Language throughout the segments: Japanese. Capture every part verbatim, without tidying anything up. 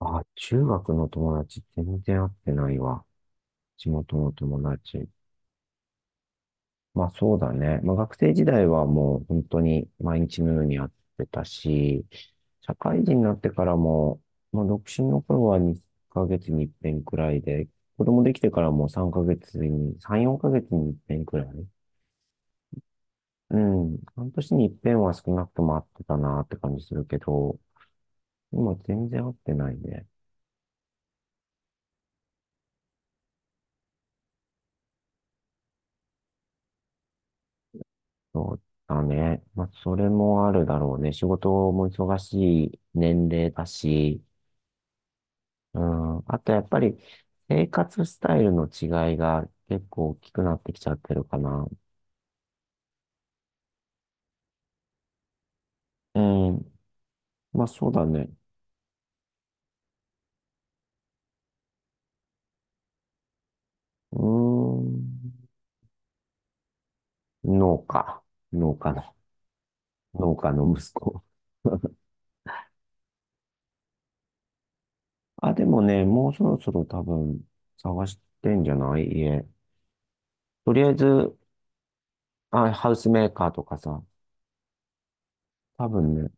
あ、中学の友達全然会ってないわ。地元の友達。まあそうだね。まあ学生時代はもう本当に毎日のように会ってたし、社会人になってからも、まあ独身の頃はにかげつに一遍くらいで、子供できてからもさんかげつに、さん、よんかげつに一遍くらい。うん。半年に一遍は少なくとも会ってたなって感じするけど、今全然会ってないね。そうだね。まあ、それもあるだろうね。仕事も忙しい年齢だし、うん。あとやっぱり生活スタイルの違いが結構大きくなってきちゃってるかな。うん。まあそうだね。うーん。農家。農家の、農家の息子。あ、でもね、もうそろそろ多分探してんじゃない家。とりあえず、あ、ハウスメーカーとかさ、多分ね、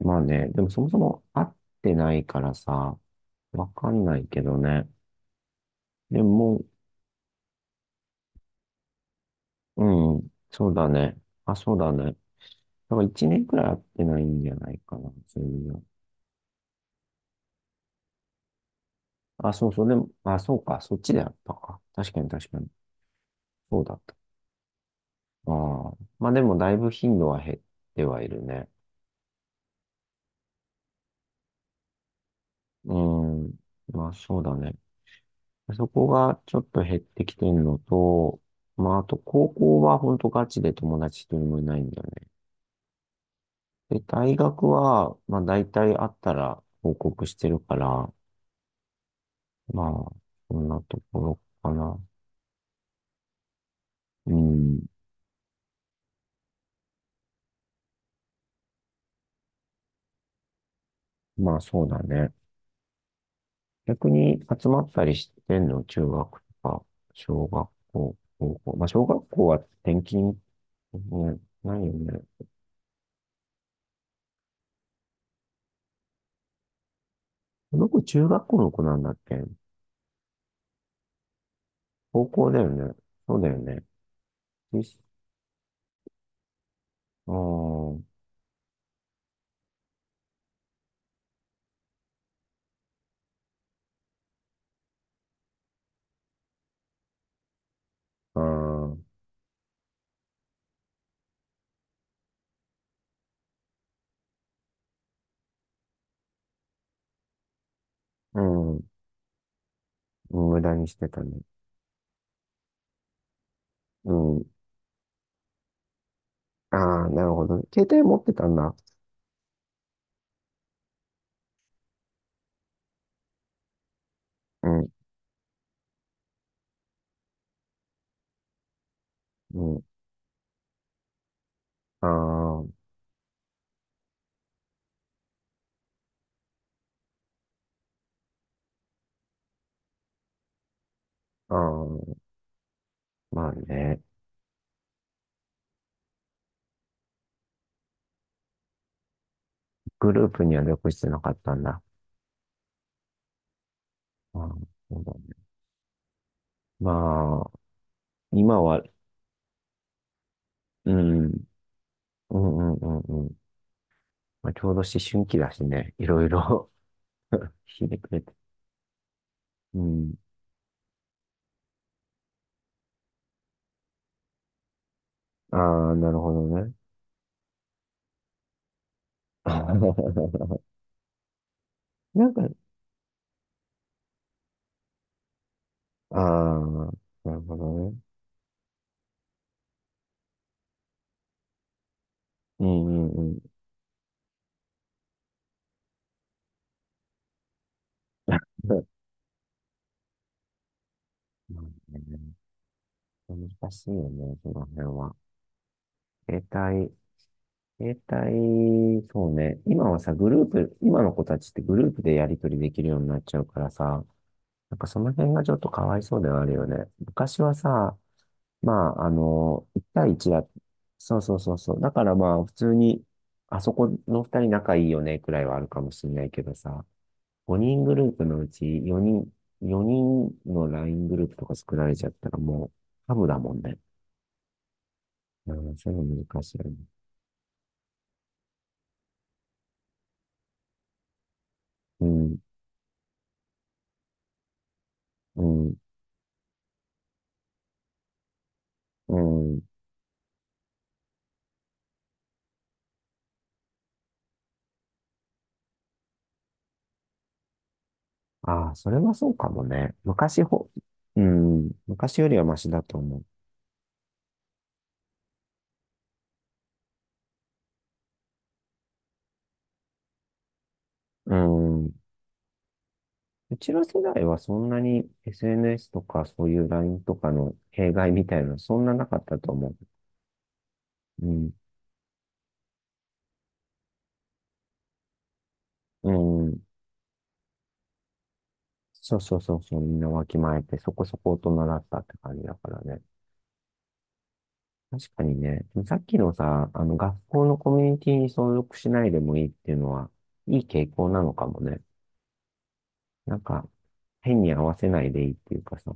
まあね、でもそもそも会ってないからさ、わかんないけどね。でも、うん、そうだね。あ、そうだね。だから一年くらい会ってないんじゃないかな、そういうの。あ、そうそう、でも、あ、そうか、そっちであったか。確かに、確かに。そうだった。ああ。まあでも、だいぶ頻度は減ってはいるね。うん。まあそうだね。そこがちょっと減ってきてるのと、まああと高校は本当ガチで友達一人もいないんだよね。で、大学は、まあ大体あったら報告してるから、まあ、そんなところかな。うん。まあそうだね。逆に集まったりしてんの、中学とか、小学校、高校。まあ小学校は転勤、ね、ないよね。この子中学校の子なんだっけ？高校だよね。そうだよね。よし。あー。あー、うん。無駄にしてたね。うん。ああ、なるほどね。携帯持ってたんだ。うん。うん。ああ。ああ、まあね。グループには属してなかったんだ。ああ、そうだねまあ、今は、うん、うん、うん、うん、うん。まあ、ちょうど思春期だしね。いろいろ。 ひねくれて。うん。ああ、なるほどね。なんか、ああ、なるほどね。うん、うん、うん。まあね。難しいよね、その辺は。携帯携帯、そうね。今はさ、グループ、今の子たちってグループでやり取りできるようになっちゃうからさ、なんかその辺がちょっとかわいそうではあるよね。昔はさ、まあ、あの、いち対いちだ。そうそうそうそう。だからまあ、普通に、あそこのふたり仲いいよね、くらいはあるかもしれないけどさ、ごにんグループのうち4人、4人の ライン グループとか作られちゃったらもう、ハブだもんね。うん、そういうの難しいよね。うん、うん、うん。ああ、それはそうかもね。昔ほ、うん、昔よりはマシだと思う。うん。うちの世代はそんなに エスエヌエス とかそういう ライン とかの弊害みたいなのそんななかったと思う。うん。うん。そうそうそうそう、みんなわきまえてそこそこ大人だったって感じだからね。確かにね、さっきのさ、あの学校のコミュニティに所属しないでもいいっていうのは、いい傾向なのかもね。なんか、変に合わせないでいいっていうかさ。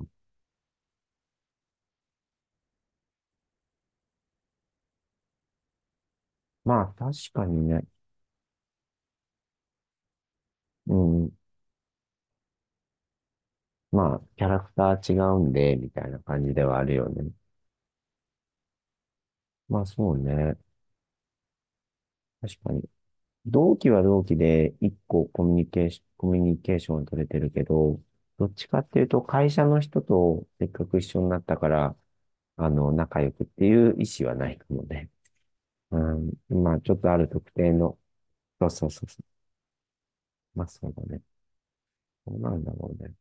まあ確かにね、うん。まあ、キャラクター違うんで、みたいな感じではあるよね。まあ、そうね。確かに。同期は同期で、一個コミュニケーション、コミュニケーション取れてるけど、どっちかっていうと、会社の人とせっかく一緒になったから、あの、仲良くっていう意思はないかもね。うん。まあ、ちょっとある特定の、そうそうそうそう。まあ、そうだね。そうなんだろうね。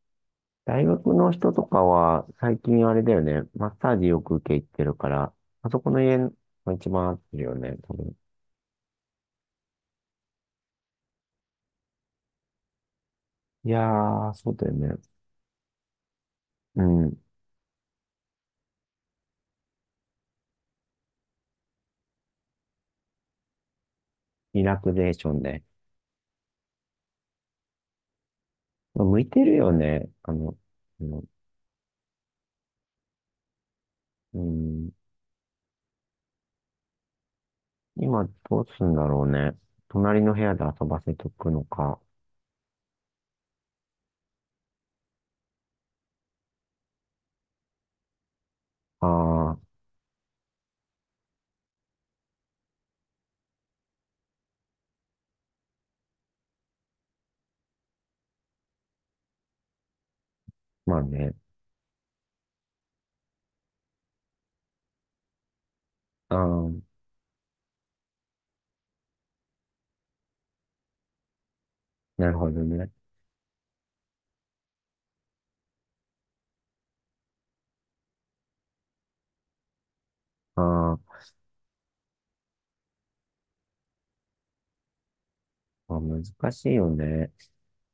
大学の人とかは、最近あれだよね、マッサージよく受け入ってるから、あそこの家が一番合ってるよね、多分。いやー、そうだよね。うん。リラクゼーションで。向いてるよね。あの、あのうん、今どうすんだろうね。隣の部屋で遊ばせとくのか。ああ、まあね。ああ、なるほどね。あー。まあ、難しいよね。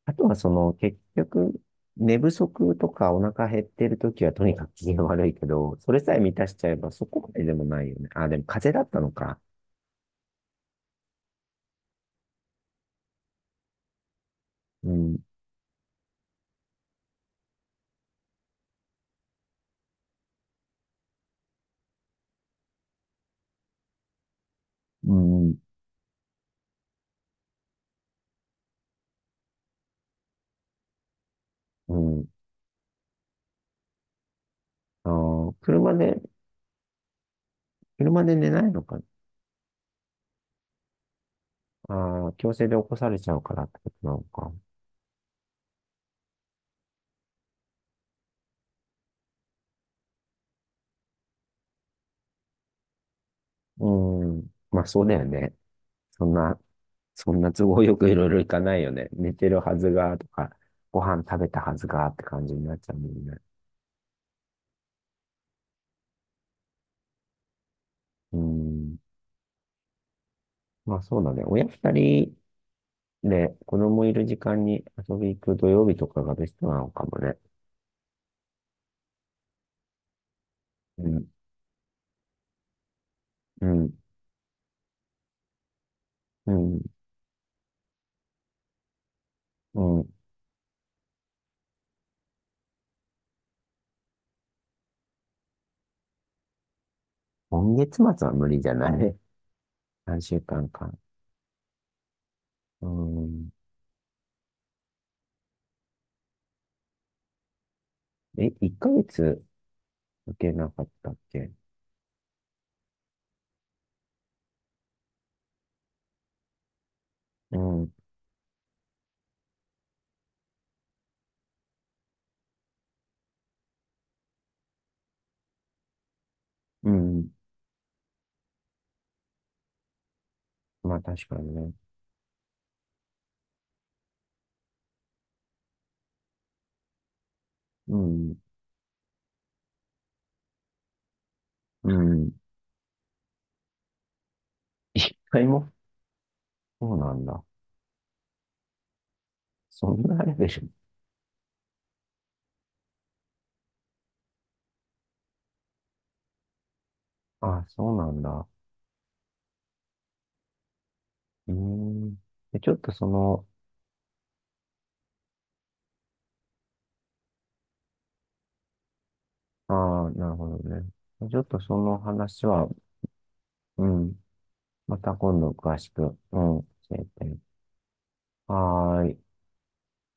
あとはその結局、寝不足とかお腹減ってるときはとにかく機嫌悪いけど、それさえ満たしちゃえばそこまででもないよね。あ、でも風邪だったのか。うん、うん、うん。あー、車で、車で寝ないのか。あー、強制で起こされちゃうからってことなのか。うん。まあそうだよね。そんな、そんな都合よくいろいろいかないよね。寝てるはずが、とか、ご飯食べたはずが、って感じになっちゃうもんね。うん。まあそうだね。親二人で、子供いる時間に遊び行く土曜日とかがベストなのかもね。うん、うん、うん、うん。今月末は無理じゃない？ さん 週間か。うん。え、いっかげつ受けなかったっけ？うん、うん。まあ確かにね。うん、うん。一回も？そうなんだ。そんなレベル。あ、そうなんだ。うーん。で、ちょっとその、ああ、なるほどね。ちょっとその話は、うん。また今度詳しく、うん、教えて。はーい。